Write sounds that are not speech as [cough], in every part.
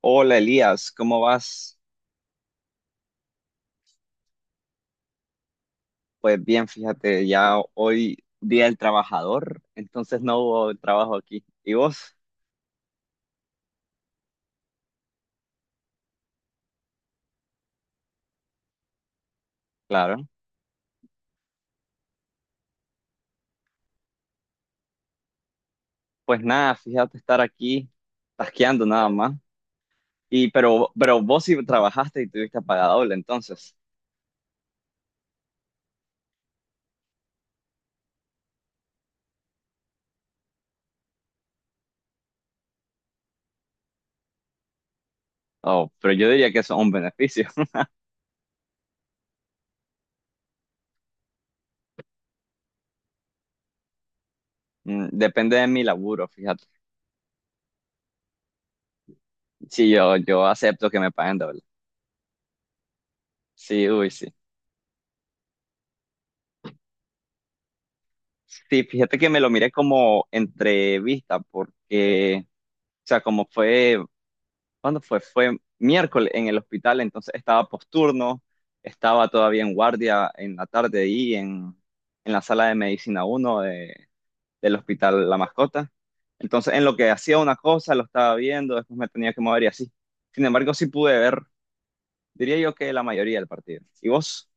Hola Elías, ¿cómo vas? Pues bien, fíjate, ya hoy día del trabajador, entonces no hubo trabajo aquí. ¿Y vos? Claro. Pues nada, fíjate estar aquí tasqueando nada más. Y pero vos sí trabajaste y tuviste paga doble, entonces. Oh, pero yo diría que eso es un beneficio. [laughs] Depende de mi laburo, fíjate. Sí, yo acepto que me paguen doble. Sí, uy, sí. Sí, fíjate que me lo miré como entrevista porque, o sea, como fue ¿Cuándo fue? Fue miércoles en el hospital, entonces estaba posturno, estaba todavía en guardia en la tarde y en la sala de medicina uno del hospital La Mascota. Entonces, en lo que hacía una cosa, lo estaba viendo, después me tenía que mover y así. Sin embargo, sí pude ver, diría yo que la mayoría del partido. ¿Y vos?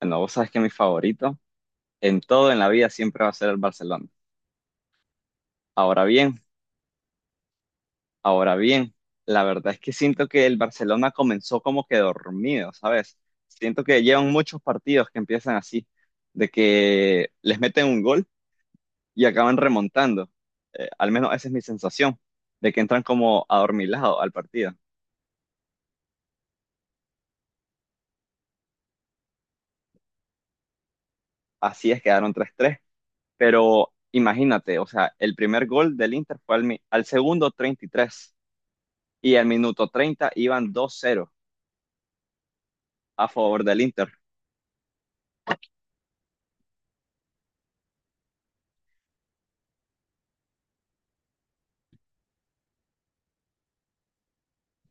Bueno, vos sabes que mi favorito en todo en la vida siempre va a ser el Barcelona. Ahora bien, Ahora bien, la verdad es que siento que el Barcelona comenzó como que dormido, ¿sabes? Siento que llevan muchos partidos que empiezan así, de que les meten un gol y acaban remontando. Al menos esa es mi sensación, de que entran como adormilados al partido. Así es, quedaron 3-3. Pero imagínate, o sea, el primer gol del Inter fue al segundo 33 y tres y al minuto 30 iban 2-0 a favor del Inter.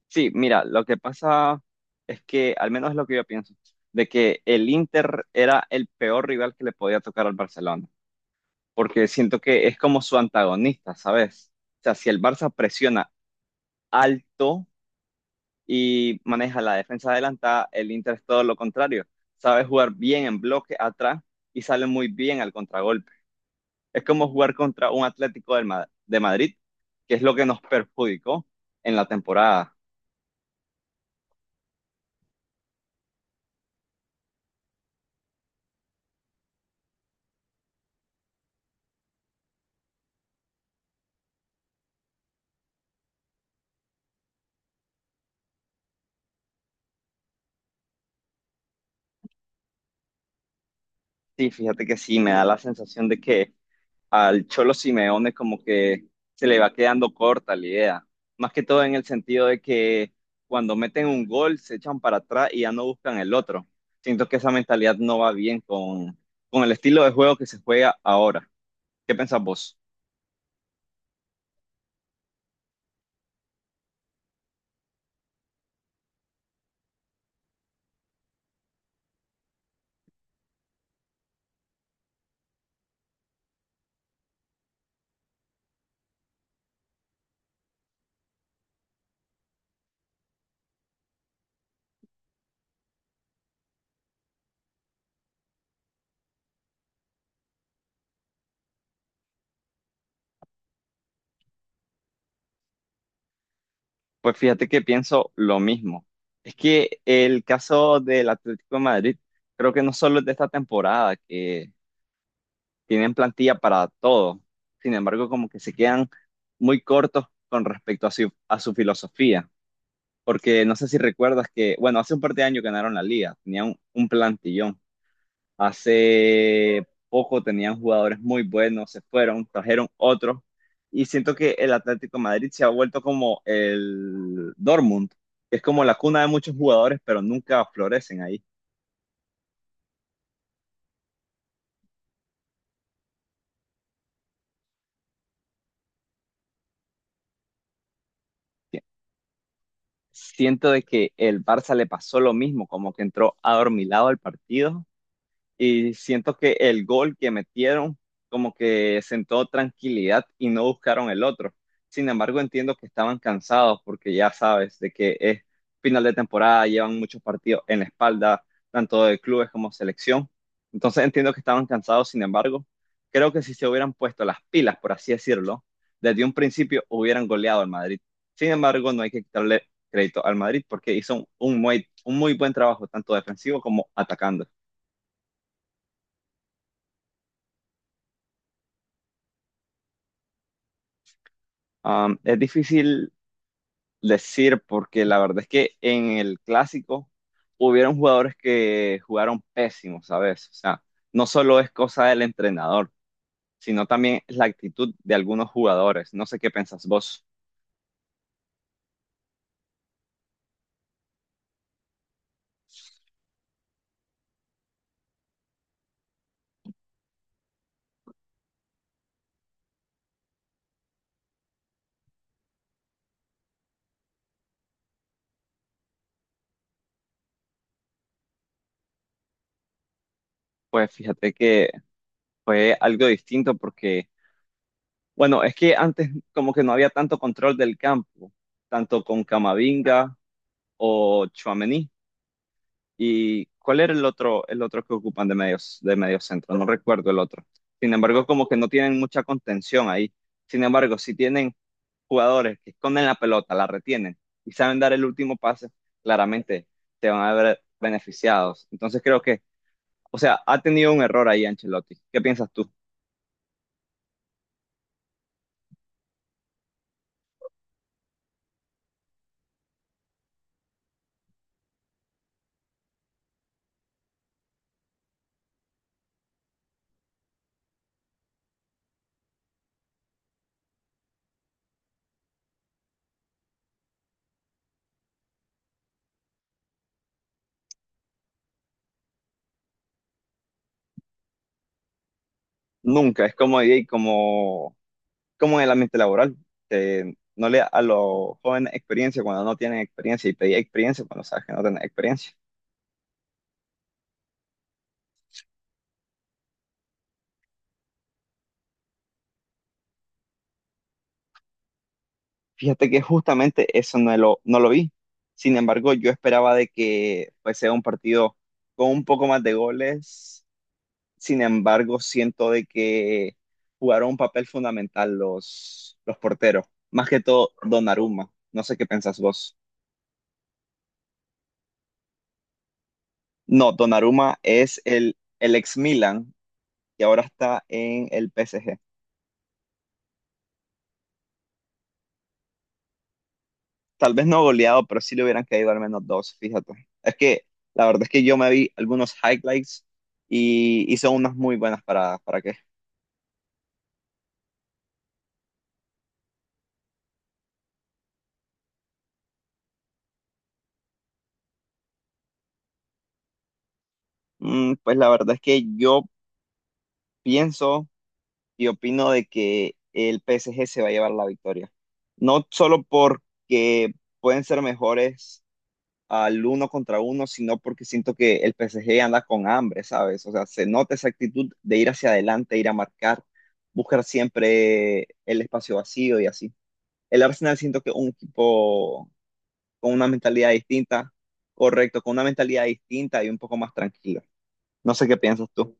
Sí, mira, lo que pasa es que, al menos es lo que yo pienso, de que el Inter era el peor rival que le podía tocar al Barcelona, porque siento que es como su antagonista, ¿sabes? O sea, si el Barça presiona alto y maneja la defensa adelantada, el Inter es todo lo contrario, sabe jugar bien en bloque atrás y sale muy bien al contragolpe. Es como jugar contra un Atlético de Madrid, que es lo que nos perjudicó en la temporada. Sí, fíjate que sí, me da la sensación de que al Cholo Simeone como que se le va quedando corta la idea. Más que todo en el sentido de que cuando meten un gol se echan para atrás y ya no buscan el otro. Siento que esa mentalidad no va bien con el estilo de juego que se juega ahora. ¿Qué pensás vos? Pues fíjate que pienso lo mismo. Es que el caso del Atlético de Madrid creo que no solo es de esta temporada, que tienen plantilla para todo. Sin embargo, como que se quedan muy cortos con respecto a su filosofía. Porque no sé si recuerdas que, bueno, hace un par de años ganaron la liga, tenían un plantillón. Hace poco tenían jugadores muy buenos, se fueron, trajeron otros. Y siento que el Atlético de Madrid se ha vuelto como el Dortmund, que es como la cuna de muchos jugadores, pero nunca florecen ahí. Siento de que el Barça le pasó lo mismo, como que entró adormilado al partido. Y siento que el gol que metieron como que sentó tranquilidad y no buscaron el otro. Sin embargo, entiendo que estaban cansados porque ya sabes de que es final de temporada, llevan muchos partidos en la espalda, tanto de clubes como selección. Entonces entiendo que estaban cansados, sin embargo, creo que si se hubieran puesto las pilas, por así decirlo, desde un principio hubieran goleado al Madrid. Sin embargo, no hay que quitarle crédito al Madrid porque hizo un un muy buen trabajo, tanto defensivo como atacando. Es difícil decir porque la verdad es que en el clásico hubieron jugadores que jugaron pésimos, ¿sabes? O sea, no solo es cosa del entrenador, sino también es la actitud de algunos jugadores. No sé qué pensás vos. Pues fíjate que fue algo distinto porque, bueno, es que antes como que no había tanto control del campo, tanto con Camavinga o Tchouaméni. ¿Y cuál era el otro que ocupan de medios, de medio centro? No recuerdo el otro. Sin embargo, como que no tienen mucha contención ahí. Sin embargo, si tienen jugadores que esconden la pelota, la retienen y saben dar el último pase, claramente se van a ver beneficiados. Entonces creo que, o sea, ha tenido un error ahí Ancelotti. ¿Qué piensas tú? Nunca, es como en el ambiente laboral. No le da a los jóvenes experiencia cuando no tienen experiencia y pedir experiencia cuando sabes que no tienen experiencia. Fíjate que justamente eso no lo vi. Sin embargo, yo esperaba de que pues, sea un partido con un poco más de goles. Sin embargo, siento de que jugaron un papel fundamental los porteros. Más que todo, Donnarumma. No sé qué pensás vos. No, Donnarumma es el ex Milan y ahora está en el PSG. Tal vez no goleado, pero sí le hubieran caído al menos dos, fíjate. Es que la verdad es que yo me vi algunos highlights y hizo unas muy buenas paradas. ¿Para qué? Pues la verdad es que yo pienso y opino de que el PSG se va a llevar la victoria. No solo porque pueden ser mejores al uno contra uno, sino porque siento que el PSG anda con hambre, ¿sabes? O sea, se nota esa actitud de ir hacia adelante, ir a marcar, buscar siempre el espacio vacío y así. El Arsenal siento que es un equipo con una mentalidad distinta, correcto, con una mentalidad distinta y un poco más tranquila. No sé qué piensas tú.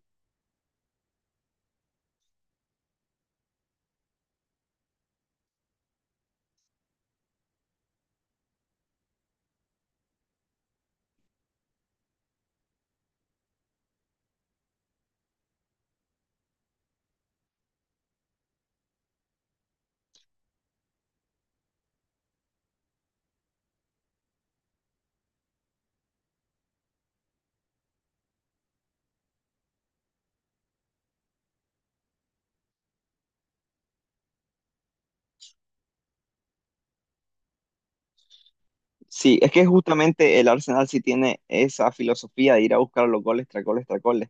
Sí, es que justamente el Arsenal sí tiene esa filosofía de ir a buscar los goles tras goles tras goles.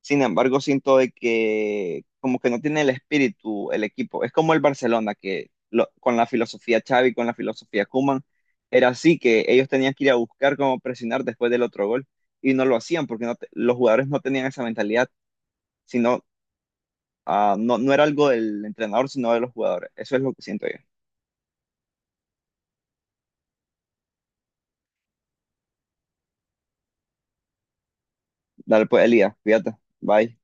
Sin embargo, siento de que como que no tiene el espíritu el equipo. Es como el Barcelona con la filosofía Xavi, con la filosofía Koeman, era así que ellos tenían que ir a buscar cómo presionar después del otro gol y no lo hacían porque los jugadores no tenían esa mentalidad, sino no, no era algo del entrenador, sino de los jugadores. Eso es lo que siento yo. Dale, pues, Elías, cuídate. Bye.